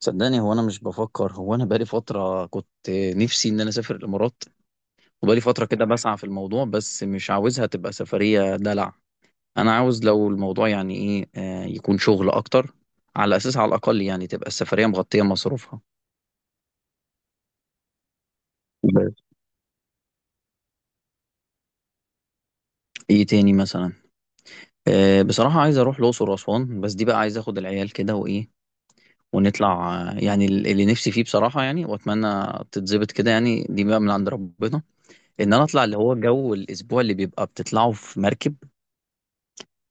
صدقني، هو انا مش بفكر. هو انا بقالي فتره كنت نفسي ان انا اسافر الامارات. وبقالي فتره كده بسعى في الموضوع، بس مش عاوزها تبقى سفريه دلع. انا عاوز لو الموضوع يعني ايه يكون شغل اكتر، على اساس على الاقل يعني تبقى السفريه مغطيه مصروفها. بس. ايه تاني مثلا؟ بصراحه عايز اروح الاقصر واسوان، بس دي بقى عايز اخد العيال كده وايه ونطلع، يعني اللي نفسي فيه بصراحه يعني، واتمنى تتظبط كده، يعني دي بقى من عند ربنا، ان انا اطلع اللي هو جو الاسبوع اللي بيبقى بتطلعه في مركب.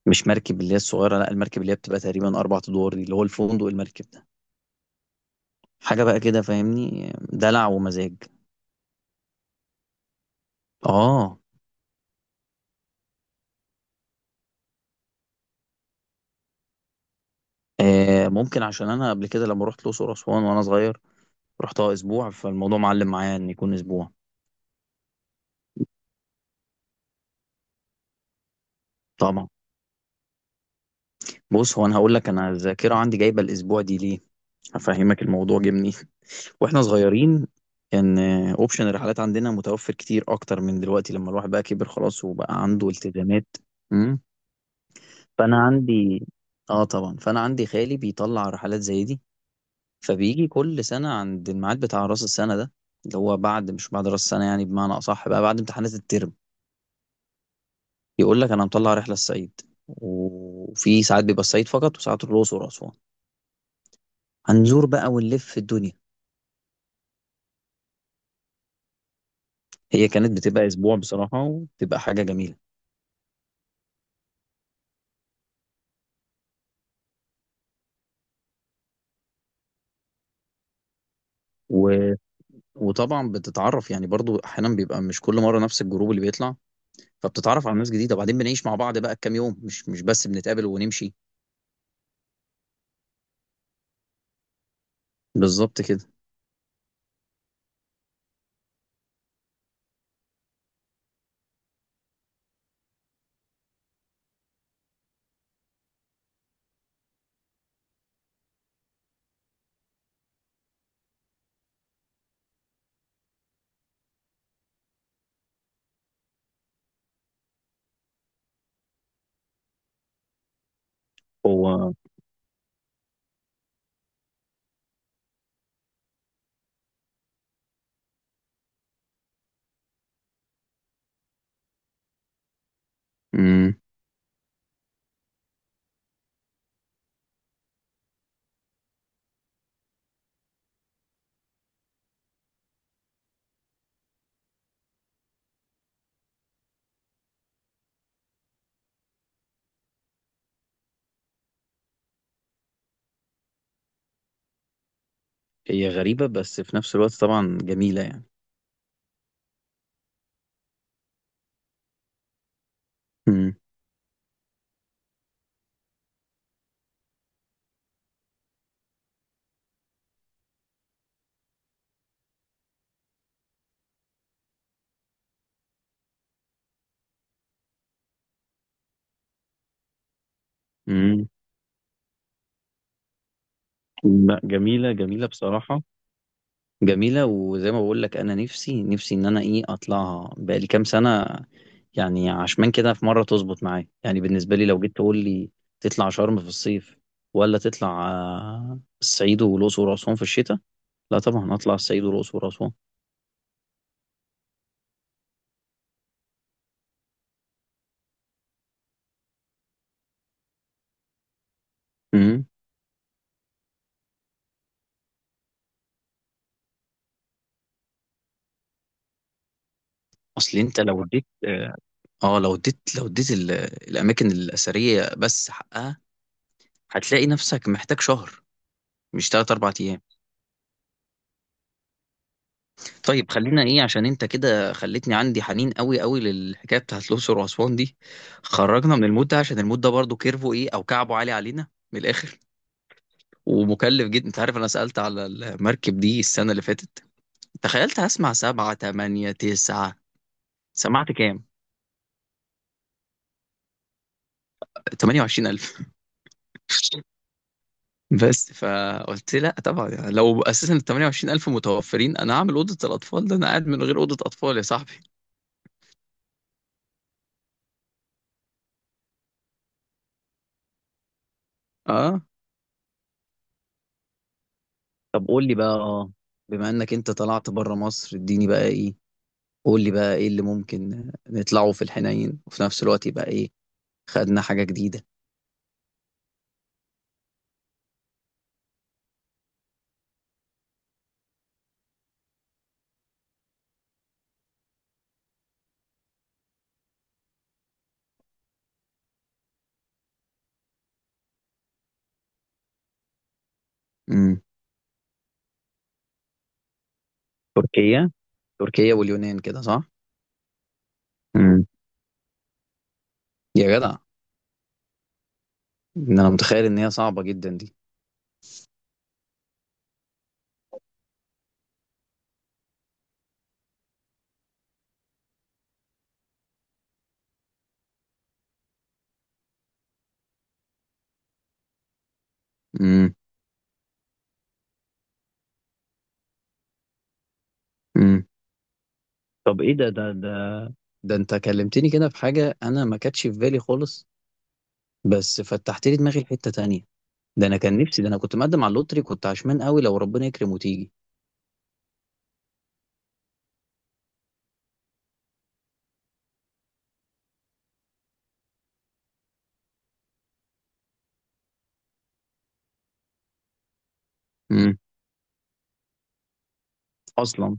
مش مركب اللي هي الصغيرة، لا، المركب اللي هي بتبقى تقريبا أربع أدوار، دي اللي هو الفندق المركب ده. حاجة بقى كده، فاهمني، دلع ومزاج. آه. ممكن عشان أنا قبل كده لما رحت الأقصر وأسوان وأنا صغير، رحتها أسبوع، فالموضوع معلم معايا إن يكون أسبوع. طبعا. بص، هو أنا هقول لك أنا الذاكرة عندي جايبة الأسبوع دي ليه. هفهمك الموضوع جه منين. وإحنا صغيرين، كان أوبشن الرحلات عندنا متوفر كتير أكتر من دلوقتي، لما الواحد بقى كبر خلاص وبقى عنده التزامات. فانا عندي، اه طبعا، فانا عندي خالي بيطلع رحلات زي دي. فبيجي كل سنه عند الميعاد بتاع راس السنه ده، اللي هو بعد، مش بعد راس السنه، يعني بمعنى اصح بقى بعد امتحانات الترم، يقول لك انا مطلع رحله الصعيد. وفي ساعات بيبقى الصعيد فقط، وساعات الاقصر واسوان. هنزور بقى ونلف في الدنيا. هي كانت بتبقى اسبوع بصراحه، وبتبقى حاجه جميله. و... وطبعا بتتعرف، يعني برضو احيانا بيبقى مش كل مره نفس الجروب اللي بيطلع. فبتتعرف على ناس جديده، وبعدين بنعيش مع بعض بقى كام يوم، مش بس بنتقابل ونمشي. بالظبط كده. هو امم هي غريبة بس في نفس الوقت طبعا جميلة، يعني. امم. امم. لا، جميلة جميلة بصراحة. جميلة، وزي ما بقول لك، أنا نفسي نفسي إن أنا، إيه، أطلعها بقالي كام سنة، يعني. عشمان كده في مرة تظبط معايا. يعني بالنسبة لي لو جيت تقول لي تطلع شرم في الصيف، ولا تطلع الصعيد والأقصر وأسوان في الشتاء، لا طبعا أطلع الصعيد والأقصر وأسوان. امم. أصل أنت لو اديت اه آه، لو اديت لو اديت الأماكن الأثرية بس حقها، هتلاقي نفسك محتاج شهر، مش تلات أربع أيام. طيب خلينا، إيه، عشان أنت كده خلتني عندي حنين قوي قوي للحكاية بتاعت الأقصر وأسوان دي. خرجنا من المود ده، عشان المود ده برضه كيرفو، إيه، أو كعبه عالي علينا، من الآخر. ومكلف جدا. أنت عارف أنا سألت على المركب دي السنة اللي فاتت، تخيلت هسمع سبعة تمانية تسعة، سمعت كام؟ 28,000. بس فقلت لا طبعا. يعني لو اساسا ال 28,000 متوفرين، انا هعمل اوضه الاطفال. ده انا قاعد من غير اوضه اطفال يا صاحبي. اه. طب قول لي بقى، بما انك انت طلعت بره مصر، اديني بقى، ايه، قول لي بقى ايه اللي ممكن نطلعه في الحنين وفي نفس الوقت يبقى، ايه، خدنا حاجة جديدة. امم. تركيا تركيا واليونان كده، صح؟ امم. يا جدع، ان انا متخيل ان هي صعبة جدا دي. امم. امم. طب ايه ده، انت كلمتني كده في حاجة انا ما كانتش في بالي خالص، بس فتحت لي دماغي لحتة تانية. ده انا كان نفسي، ده انا كنت مقدم على اللوتري، كنت عشمان قوي لو ربنا يكرم وتيجي. امم. اصلا.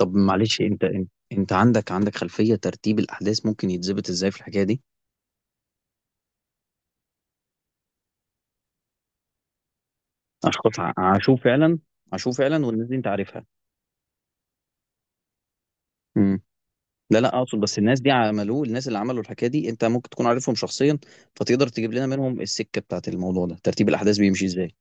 طب معلش، انت، عندك، خلفية ترتيب الأحداث ممكن يتظبط ازاي في الحكاية دي؟ أشخاص عاشوا فعلا. عاشوا فعلا، والناس دي انت عارفها. امم. لا، لا، اقصد بس الناس دي عملوه، الناس اللي عملوا الحكاية دي انت ممكن تكون عارفهم شخصيا، فتقدر تجيب لنا منهم السكة بتاعت الموضوع ده، ترتيب الأحداث بيمشي ازاي؟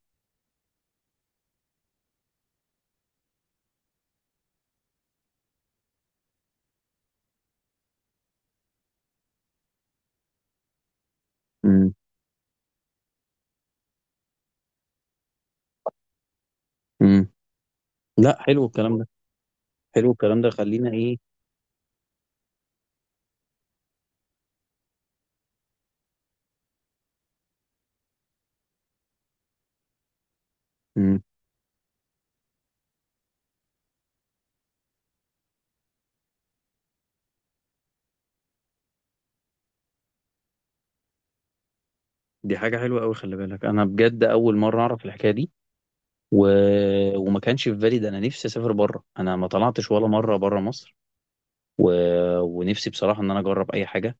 امم. امم. لا، حلو الكلام ده. حلو الكلام ده، خلينا، ايه. امم. دي حاجة حلوة قوي، خلي بالك، أنا بجد أول مرة أعرف الحكاية دي. و... وما كانش في بالي ده، أنا نفسي أسافر بره، أنا ما طلعتش ولا مرة بره مصر. و... ونفسي بصراحة إن أنا أجرب أي حاجة،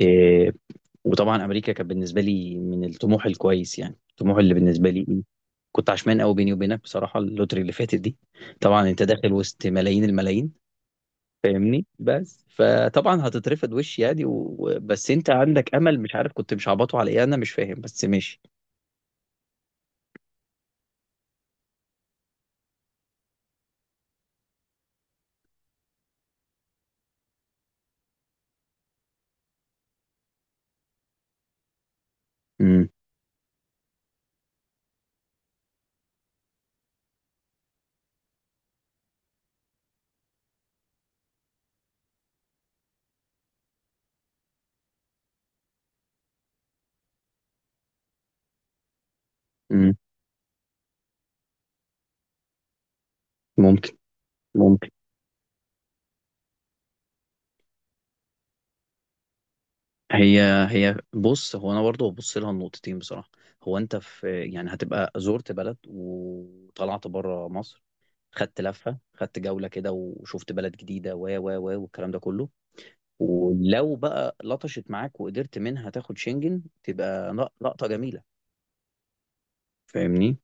إيه. وطبعا أمريكا كانت بالنسبة لي من الطموح الكويس، يعني الطموح اللي بالنسبة لي، إيه. كنت عشمان قوي بيني وبينك بصراحة اللوتري اللي فاتت دي. طبعا أنت داخل وسط ملايين الملايين، فاهمني، بس فطبعا هتترفض وش، يعني، بس أنت عندك أمل، مش عارف كنت مش عبطه على إيه، أنا مش فاهم بس ماشي. امم. امم. ممكن. هي هي بص، هو انا برضه ببص لها النقطتين بصراحه. هو انت، في، يعني هتبقى زرت بلد وطلعت بره مصر، خدت لفه خدت جوله كده وشفت بلد جديده و و و والكلام ده كله. ولو بقى لطشت معاك وقدرت منها تاخد شنجن، تبقى لقطه جميله، فاهمني.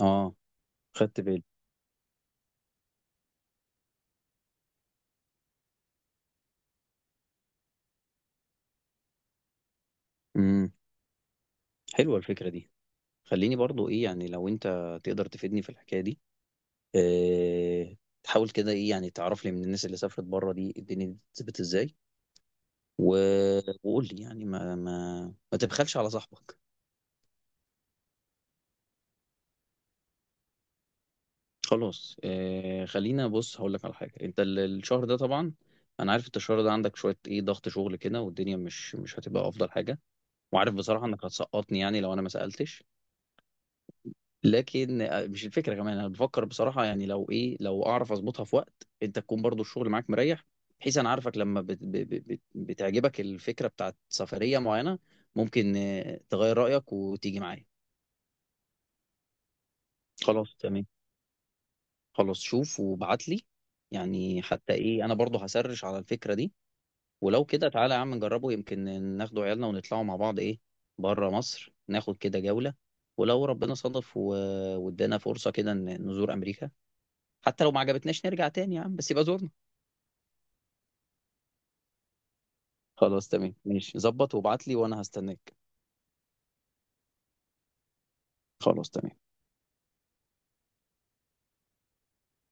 اه. خدت بالي. امم. حلوه الفكره دي. خليني برضو، ايه، يعني لو انت تقدر تفيدني في الحكايه دي، آه، تحاول كده، ايه، يعني تعرف لي من الناس اللي سافرت بره، دي الدنيا دي بتثبت ازاي. و... وقول لي يعني، ما تبخلش على صاحبك. خلاص، آه، خلينا بص هقول لك على حاجه. انت الشهر ده طبعا، انا عارف انت الشهر ده عندك شويه، ايه، ضغط شغل كده، والدنيا مش هتبقى افضل حاجه. وعارف بصراحه انك هتسقطني يعني لو انا ما سالتش. لكن مش الفكره كمان، انا بفكر بصراحه يعني لو، ايه، لو اعرف اظبطها في وقت انت تكون برضو الشغل معاك مريح، بحيث انا عارفك لما بت ب- ب- بت بتعجبك الفكره بتاعت سفريه معينه، ممكن تغير رايك وتيجي معايا. خلاص تمام. خلاص شوف وابعت لي. يعني حتى، ايه، انا برضو هسرش على الفكره دي. ولو كده تعالى يا عم نجربه، يمكن ناخدوا عيالنا ونطلعوا مع بعض، ايه، بره مصر، ناخد كده جوله. ولو ربنا صادف و- وادانا فرصه كده نزور امريكا، حتى لو ما عجبتناش نرجع تاني يا عم، بس يبقى زورنا. خلاص تمام ماشي، ظبط وابعت لي وانا هستناك. خلاص تمام.